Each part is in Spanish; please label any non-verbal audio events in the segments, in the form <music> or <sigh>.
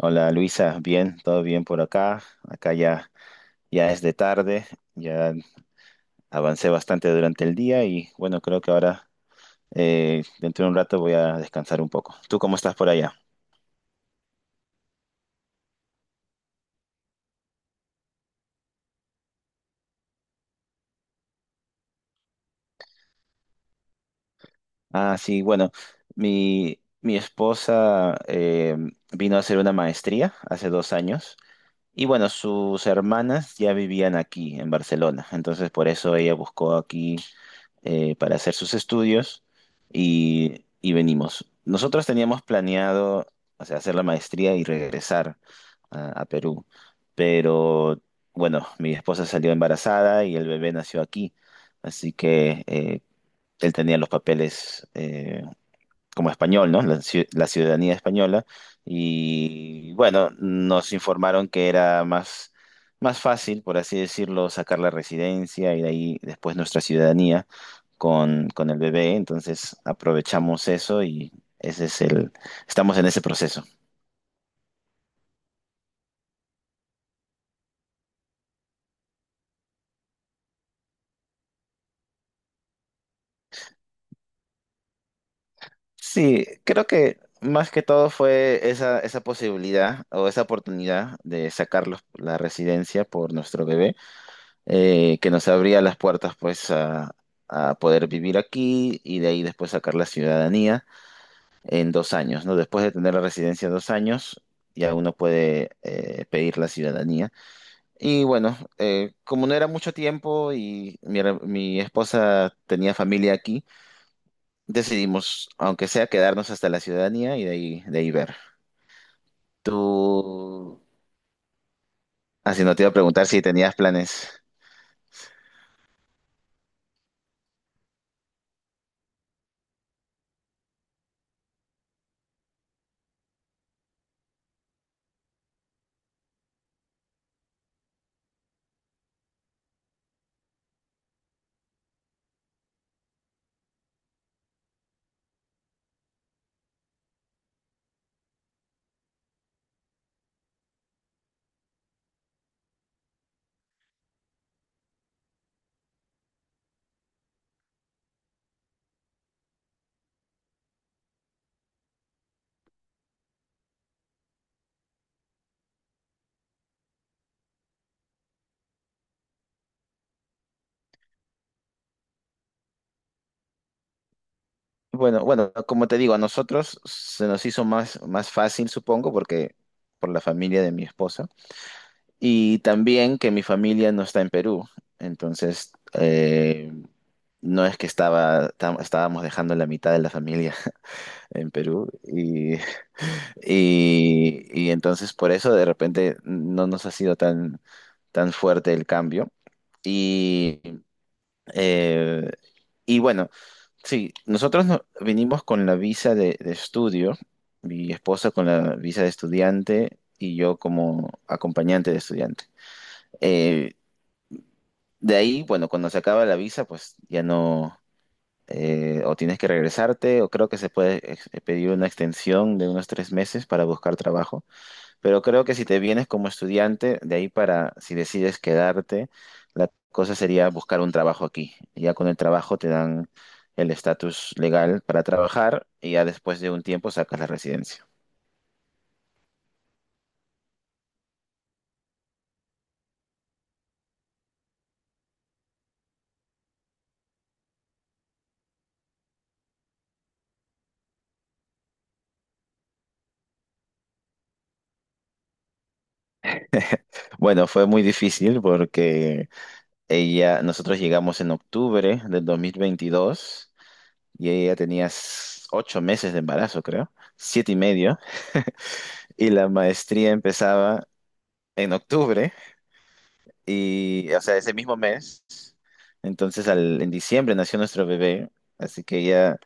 Hola Luisa, bien, todo bien por acá. Acá ya, ya es de tarde, ya avancé bastante durante el día y bueno, creo que ahora dentro de un rato voy a descansar un poco. ¿Tú cómo estás por allá? Ah, sí, bueno, mi esposa vino a hacer una maestría hace 2 años y bueno, sus hermanas ya vivían aquí en Barcelona, entonces por eso ella buscó aquí para hacer sus estudios y venimos. Nosotros teníamos planeado, o sea, hacer la maestría y regresar a Perú, pero bueno, mi esposa salió embarazada y el bebé nació aquí, así que él tenía los papeles, como español, ¿no? La ciudadanía española. Y bueno, nos informaron que era más fácil, por así decirlo, sacar la residencia y de ahí después nuestra ciudadanía con el bebé. Entonces aprovechamos eso y ese es el, estamos en ese proceso. Sí, creo que más que todo fue esa posibilidad o esa oportunidad de sacar la residencia por nuestro bebé, que nos abría las puertas pues a poder vivir aquí y de ahí después sacar la ciudadanía en 2 años, ¿no? Después de tener la residencia 2 años, ya uno puede pedir la ciudadanía. Y bueno, como no era mucho tiempo y mi esposa tenía familia aquí, decidimos, aunque sea, quedarnos hasta la ciudadanía y de ahí ver. Tú, así no te iba a preguntar si tenías planes. Bueno, bueno, como te digo, a nosotros se nos hizo más fácil, supongo, porque por la familia de mi esposa. Y también que mi familia no está en Perú. Entonces, no es que estábamos dejando la mitad de la familia <laughs> en Perú. Y entonces por eso de repente no nos ha sido tan fuerte el cambio. Y, eh, y bueno. Sí, nosotros venimos con la visa de estudio, mi esposa con la visa de estudiante y yo como acompañante de estudiante. Eh, de ahí, bueno, cuando se acaba la visa, pues ya no, o tienes que regresarte, o creo que se puede pedir una extensión de unos 3 meses para buscar trabajo. Pero creo que si te vienes como estudiante, si decides quedarte, la cosa sería buscar un trabajo aquí. Ya con el trabajo te dan el estatus legal para trabajar y ya después de un tiempo sacas la residencia. Bueno, fue muy difícil porque ella, nosotros llegamos en octubre del 2022 y ella tenía 8 meses de embarazo, creo, siete y medio, y la maestría empezaba en octubre y, o sea, ese mismo mes. Entonces, en diciembre nació nuestro bebé, así que ella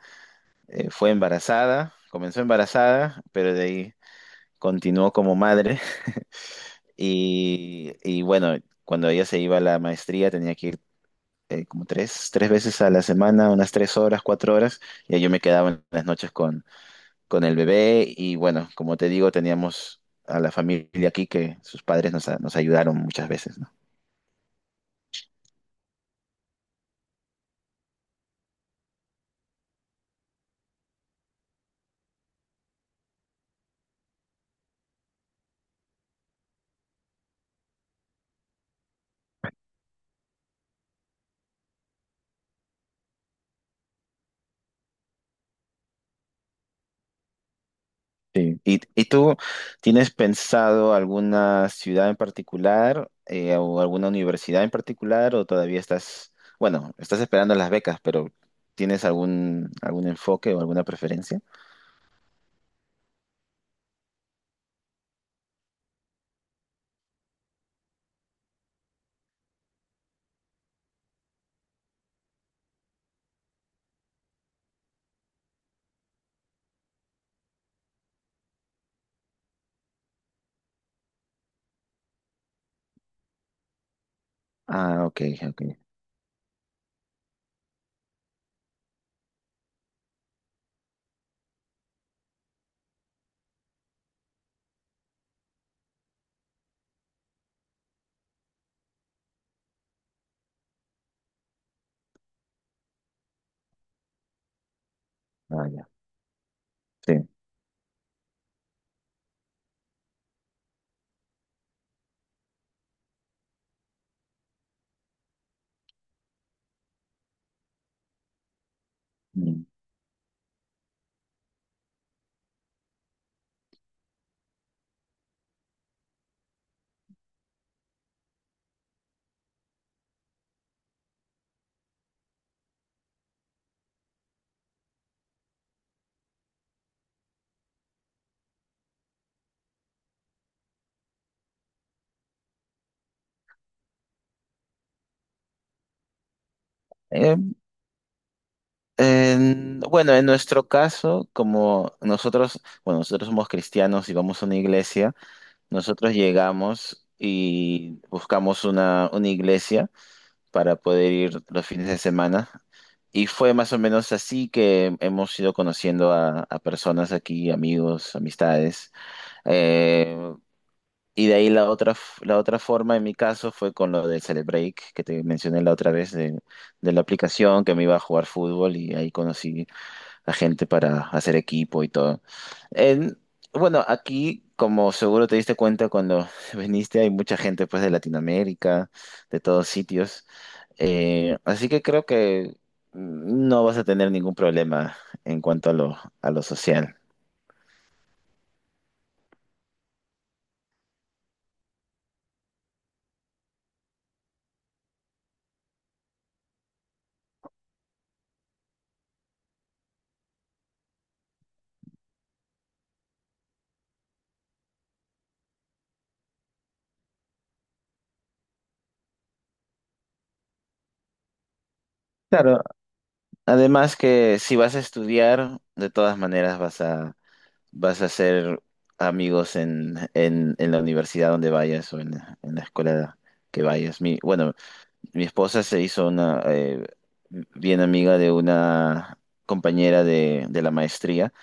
fue embarazada, comenzó embarazada, pero de ahí continuó como madre. <laughs> Y bueno, cuando ella se iba a la maestría tenía que ir como tres veces a la semana, unas 3 horas, 4 horas, y ahí yo me quedaba en las noches con el bebé. Y bueno, como te digo, teníamos a la familia aquí que sus padres nos ayudaron muchas veces, ¿no? Sí. ¿Y tú tienes pensado alguna ciudad en particular, o alguna universidad en particular, o todavía estás, bueno, estás esperando las becas, pero tienes algún enfoque o alguna preferencia? Ah, ok, ok. Ah, ya. Sí. Mm. Eh, bueno, en nuestro caso, como nosotros, bueno, nosotros somos cristianos y vamos a una iglesia, nosotros llegamos y buscamos una iglesia para poder ir los fines de semana. Y fue más o menos así que hemos ido conociendo a personas aquí, amigos, amistades. Eh, y de ahí la otra forma, en mi caso, fue con lo del Celebreak, que te mencioné la otra vez, de la aplicación que me iba a jugar fútbol y ahí conocí a gente para hacer equipo y todo. En- bueno, aquí, como seguro te diste cuenta cuando <laughs> viniste, hay mucha gente pues de Latinoamérica, de todos sitios. Así que creo que no vas a tener ningún problema en cuanto a lo social. Claro, además que si vas a estudiar, de todas maneras vas a hacer amigos en la universidad donde vayas o en la escuela que vayas. Mi, bueno, mi esposa se hizo una bien amiga de una compañera de la maestría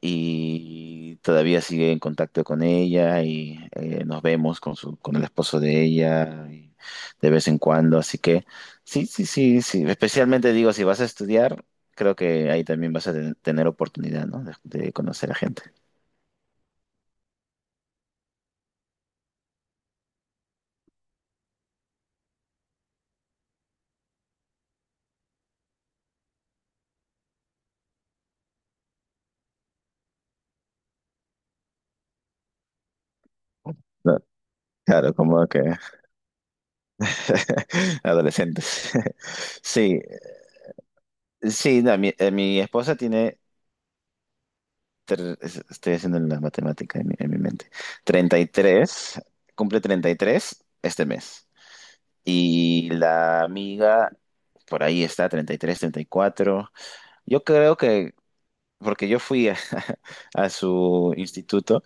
y todavía sigue en contacto con ella y nos vemos con el esposo de ella y de vez en cuando. Así que sí, sí, sí, sí. Especialmente digo, si vas a estudiar, creo que ahí también vas a tener oportunidad, ¿no? De conocer a gente. No, claro, como que <laughs> adolescentes. <laughs> Sí, sí, no, mi esposa tiene estoy haciendo la matemática en mi mente. 33, cumple 33 este mes. Y la amiga, por ahí está, treinta y tres, 34. Yo creo que, porque yo fui a, <laughs> a su instituto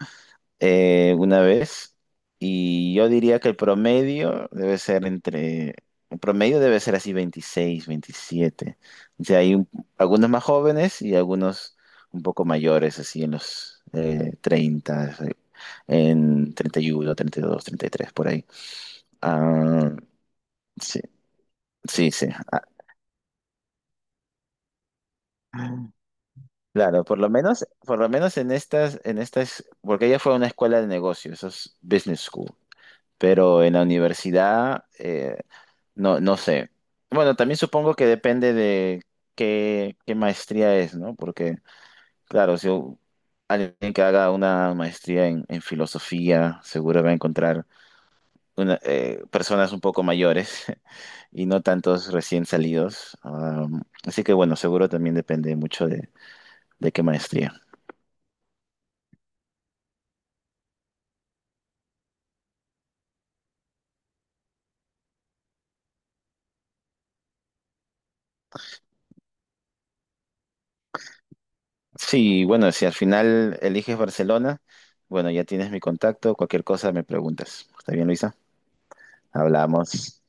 una vez y yo diría que el promedio debe ser así 26, 27. O sea, hay algunos más jóvenes y algunos un poco mayores, así en los 30, en 31, 32, 33 por ahí. Ah, sí, sí, sí. Ah, claro, por lo menos en estas, porque ella fue a una escuela de negocios, eso es business school, pero en la universidad, no, no sé. Bueno, también supongo que depende de qué maestría es, ¿no? Porque, claro, si alguien que haga una maestría en filosofía, seguro va a encontrar personas un poco mayores <laughs> y no tantos recién salidos. Así que, bueno, seguro también depende mucho de qué maestría. Sí, bueno, si al final eliges Barcelona, bueno, ya tienes mi contacto, cualquier cosa me preguntas. ¿Está bien, Luisa? Hablamos.